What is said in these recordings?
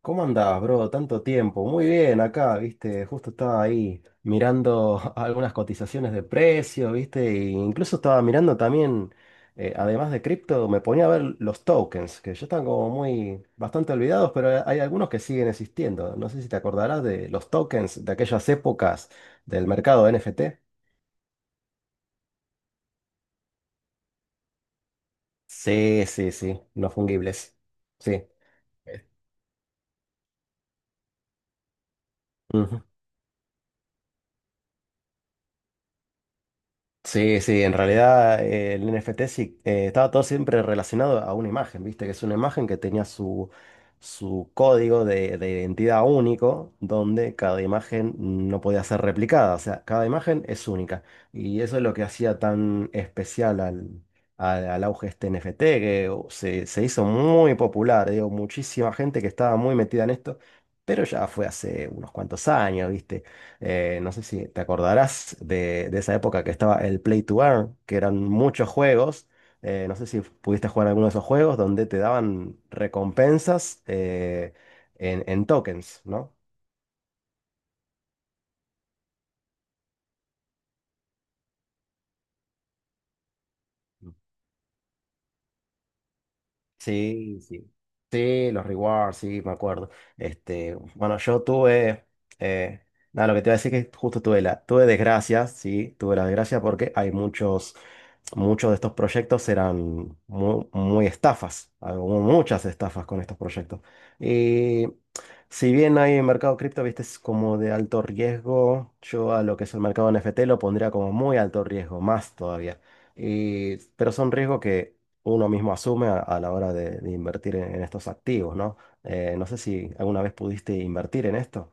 ¿Cómo andás, bro? Tanto tiempo. Muy bien, acá, viste, justo estaba ahí mirando algunas cotizaciones de precios, viste, e incluso estaba mirando también, además de cripto, me ponía a ver los tokens, que ya están como muy, bastante olvidados, pero hay algunos que siguen existiendo. No sé si te acordarás de los tokens de aquellas épocas del mercado NFT. Sí, sí, sí, no fungibles. Sí. Ujú. Sí, sí, en realidad el NFT sí, estaba todo siempre relacionado a una imagen, viste, que es una imagen que tenía su, su código de identidad único, donde cada imagen no podía ser replicada, o sea, cada imagen es única. Y eso es lo que hacía tan especial al, al, al auge este NFT, que se, se hizo muy popular, digo, muchísima gente que estaba muy metida en esto, pero ya fue hace unos cuantos años, viste. No sé si te acordarás de esa época que estaba el Play to Earn, que eran muchos juegos. No sé si pudiste jugar alguno de esos juegos donde te daban recompensas en tokens, ¿no? Sí, sí. Sí, los rewards, sí, me acuerdo. Este, bueno, yo tuve, eh, nada, lo que te iba a decir es que justo tuve la, tuve desgracias, sí, tuve la desgracia porque hay muchos, muchos de estos proyectos eran muy, muy estafas, hubo muchas estafas con estos proyectos. Y si bien hay mercado cripto, viste, es como de alto riesgo, yo a lo que es el mercado NFT lo pondría como muy alto riesgo, más todavía. Y, pero son riesgos que uno mismo asume a la hora de invertir en estos activos, ¿no? No sé si alguna vez pudiste invertir en esto.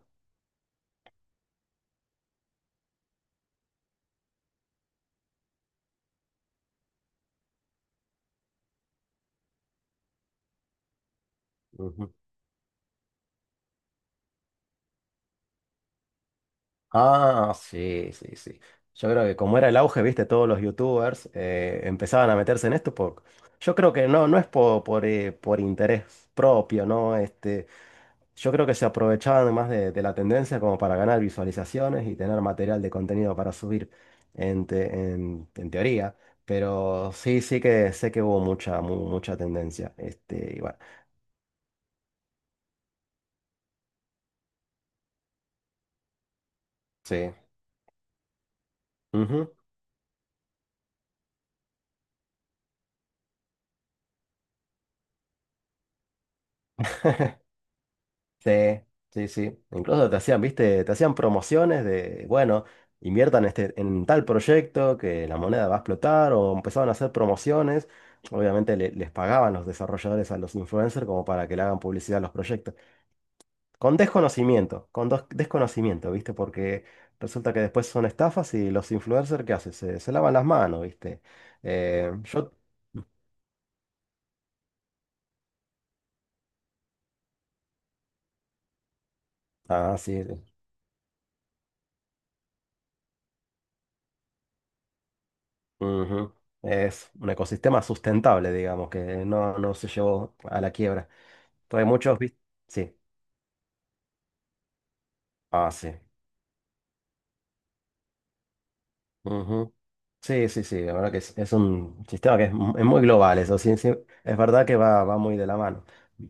Ujú. Ah, sí, sí, sí. Yo creo que como era el auge, viste, todos los youtubers empezaban a meterse en esto por... Yo creo que no, no es por interés propio, ¿no? Este, yo creo que se aprovechaban más de la tendencia como para ganar visualizaciones y tener material de contenido para subir en, en teoría. Pero sí, sí que sé que hubo mucha, mucha tendencia. Este, y bueno, sí. Ujú. Sí, sí, sí. Incluso te hacían, viste, te hacían promociones de, bueno, inviertan este, en tal proyecto que la moneda va a explotar o empezaban a hacer promociones. Obviamente les pagaban los desarrolladores a los influencers como para que le hagan publicidad a los proyectos. Con desconocimiento, con desconocimiento, ¿viste? Porque resulta que después son estafas y los influencers, ¿qué hacen? Se lavan las manos, ¿viste? Yo... Ah, sí. Sí. Ujú. Es un ecosistema sustentable, digamos, que no, no se llevó a la quiebra. Entonces muchos, ¿viste? Sí. Ah, sí. Sí, sí, sí, la verdad que es un sistema que es, es muy global, eso sí, sí, es verdad que va, va muy de la mano,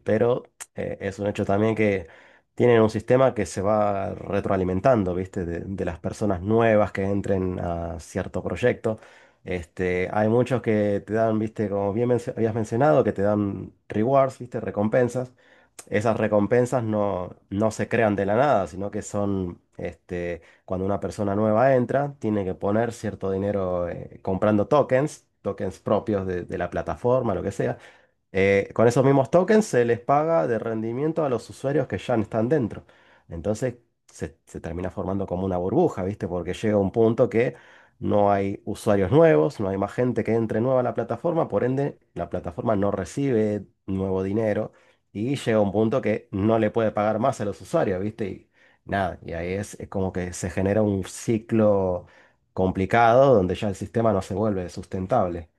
pero es un hecho también que tienen un sistema que se va retroalimentando, ¿viste? De las personas nuevas que entren a cierto proyecto. Este, hay muchos que te dan, ¿viste? Como bien habías mencionado, que te dan rewards, ¿viste? Recompensas, esas recompensas no, no se crean de la nada, sino que son, este, cuando una persona nueva entra, tiene que poner cierto dinero comprando tokens, tokens propios de la plataforma, lo que sea. Con esos mismos tokens se les paga de rendimiento a los usuarios que ya están dentro. Entonces se termina formando como una burbuja, ¿viste? Porque llega un punto que no hay usuarios nuevos, no hay más gente que entre nueva a la plataforma, por ende la plataforma no recibe nuevo dinero y llega un punto que no le puede pagar más a los usuarios, ¿viste? Y nada, y ahí es como que se genera un ciclo complicado donde ya el sistema no se vuelve sustentable.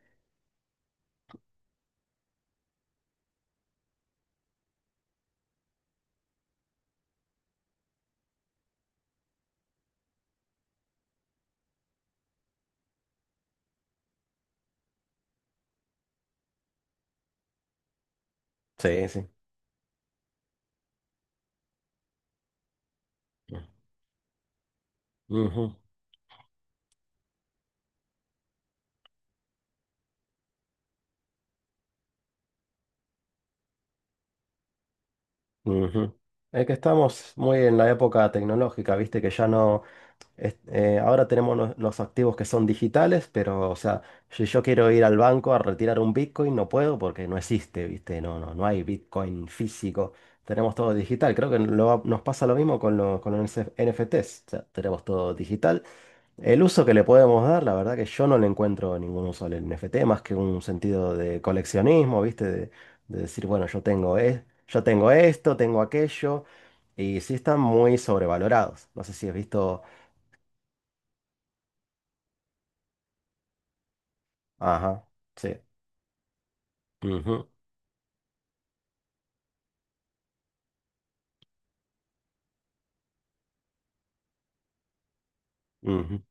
Sí, sí. Ujú. Ujú. Es que estamos muy en la época tecnológica, viste que ya no, ahora tenemos los activos que son digitales, pero o sea, si yo quiero ir al banco a retirar un Bitcoin, no puedo porque no existe, viste, no, no, no hay Bitcoin físico, tenemos todo digital. Creo que nos pasa lo mismo con, con los NFTs, o sea, tenemos todo digital el uso que le podemos dar, la verdad que yo no le encuentro ningún uso al NFT, más que un sentido de coleccionismo, ¿viste? De decir, bueno, yo tengo, yo tengo esto, tengo aquello, y sí están muy sobrevalorados. No sé si has visto... Ajá, sí. Ujú, ujú,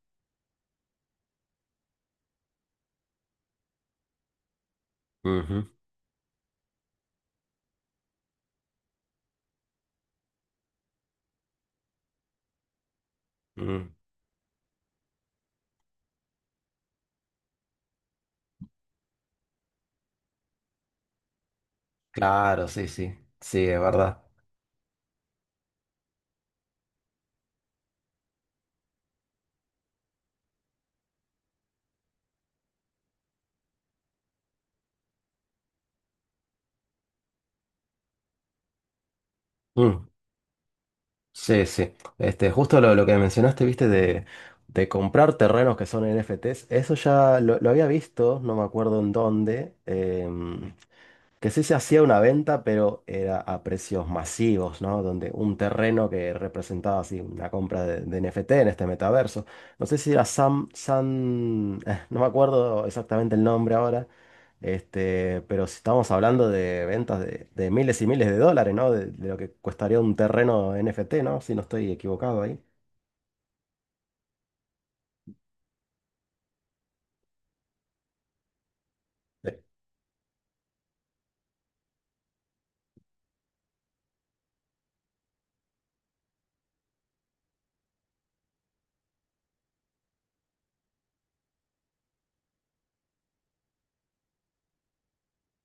ujú, mm. Claro, sí, sí, sí, es verdad. Mm. Sí, sí. Este, justo lo que mencionaste, viste, de comprar terrenos que son NFTs, eso ya lo había visto, no me acuerdo en dónde, que sí se hacía una venta, pero era a precios masivos, ¿no? Donde un terreno que representaba así una compra de NFT en este metaverso. No sé si era Sam, Sam, no me acuerdo exactamente el nombre ahora, este, pero si estamos hablando de ventas de miles y miles de dólares, ¿no? De lo que costaría un terreno NFT, ¿no? Si no estoy equivocado ahí. Sí.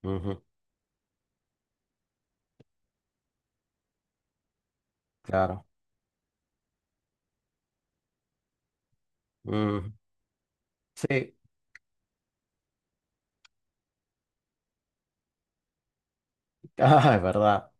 Ujú, claro. Ujú. Sí, ah, es verdad.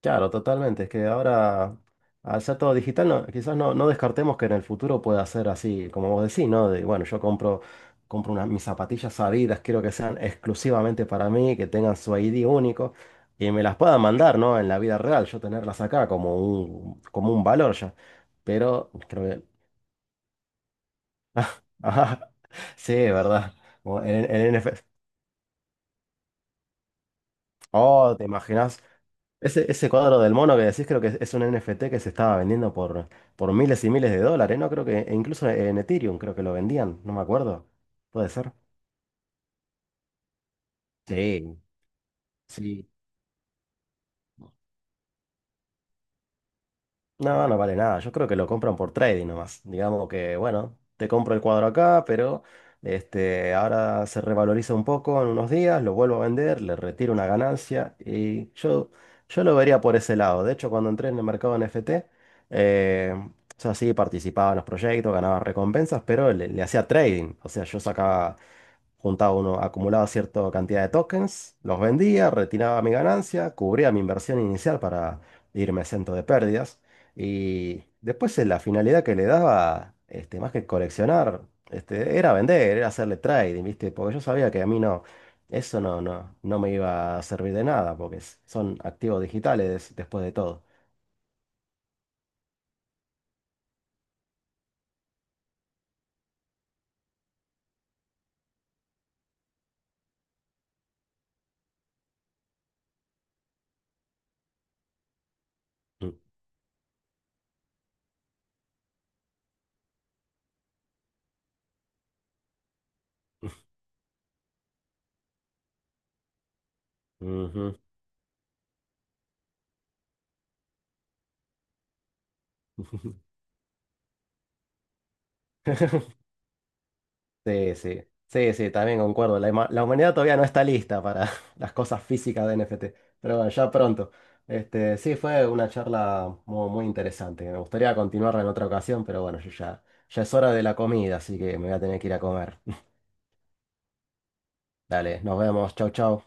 Claro, totalmente. Es que ahora, al ser todo digital, quizás no, no descartemos que en el futuro pueda ser así, como vos decís, ¿no? De, bueno, yo compro, compro unas, mis zapatillas Adidas, quiero que sean exclusivamente para mí, que tengan su ID único y me las puedan mandar, ¿no? En la vida real, yo tenerlas acá como un valor ya. Pero creo que... Ajá, sí, ¿verdad? Como en NFS. Oh, ¿te imaginas? Ese cuadro del mono que decís creo que es un NFT que se estaba vendiendo por miles y miles de dólares, ¿no? Creo que e incluso en Ethereum creo que lo vendían, no me acuerdo. Puede ser. Sí, sí. No, no vale nada. Yo creo que lo compran por trading nomás. Digamos que, bueno, te compro el cuadro acá, pero este, ahora se revaloriza un poco en unos días, lo vuelvo a vender, le retiro una ganancia y yo lo vería por ese lado. De hecho, cuando entré en el mercado NFT, o sea, sí participaba en los proyectos, ganaba recompensas, pero le hacía trading. O sea, yo sacaba, juntaba uno, acumulaba cierta cantidad de tokens, los vendía, retiraba mi ganancia, cubría mi inversión inicial para irme exento de pérdidas. Y después la finalidad que le daba, este, más que coleccionar, este, era vender, era hacerle trading, ¿viste? Porque yo sabía que a mí no, eso no, no, no me iba a servir de nada, porque son activos digitales después de todo. Mm, ujú. Sí, sí, sí, sí, también concuerdo. La, la humanidad todavía no está lista para las cosas físicas de NFT, pero bueno, ya pronto. Este, sí, fue una charla muy, muy interesante. Me gustaría continuarla en otra ocasión, pero bueno, yo ya, ya es hora de la comida, así que me voy a tener que ir a comer. Dale, nos vemos. Chau, chau.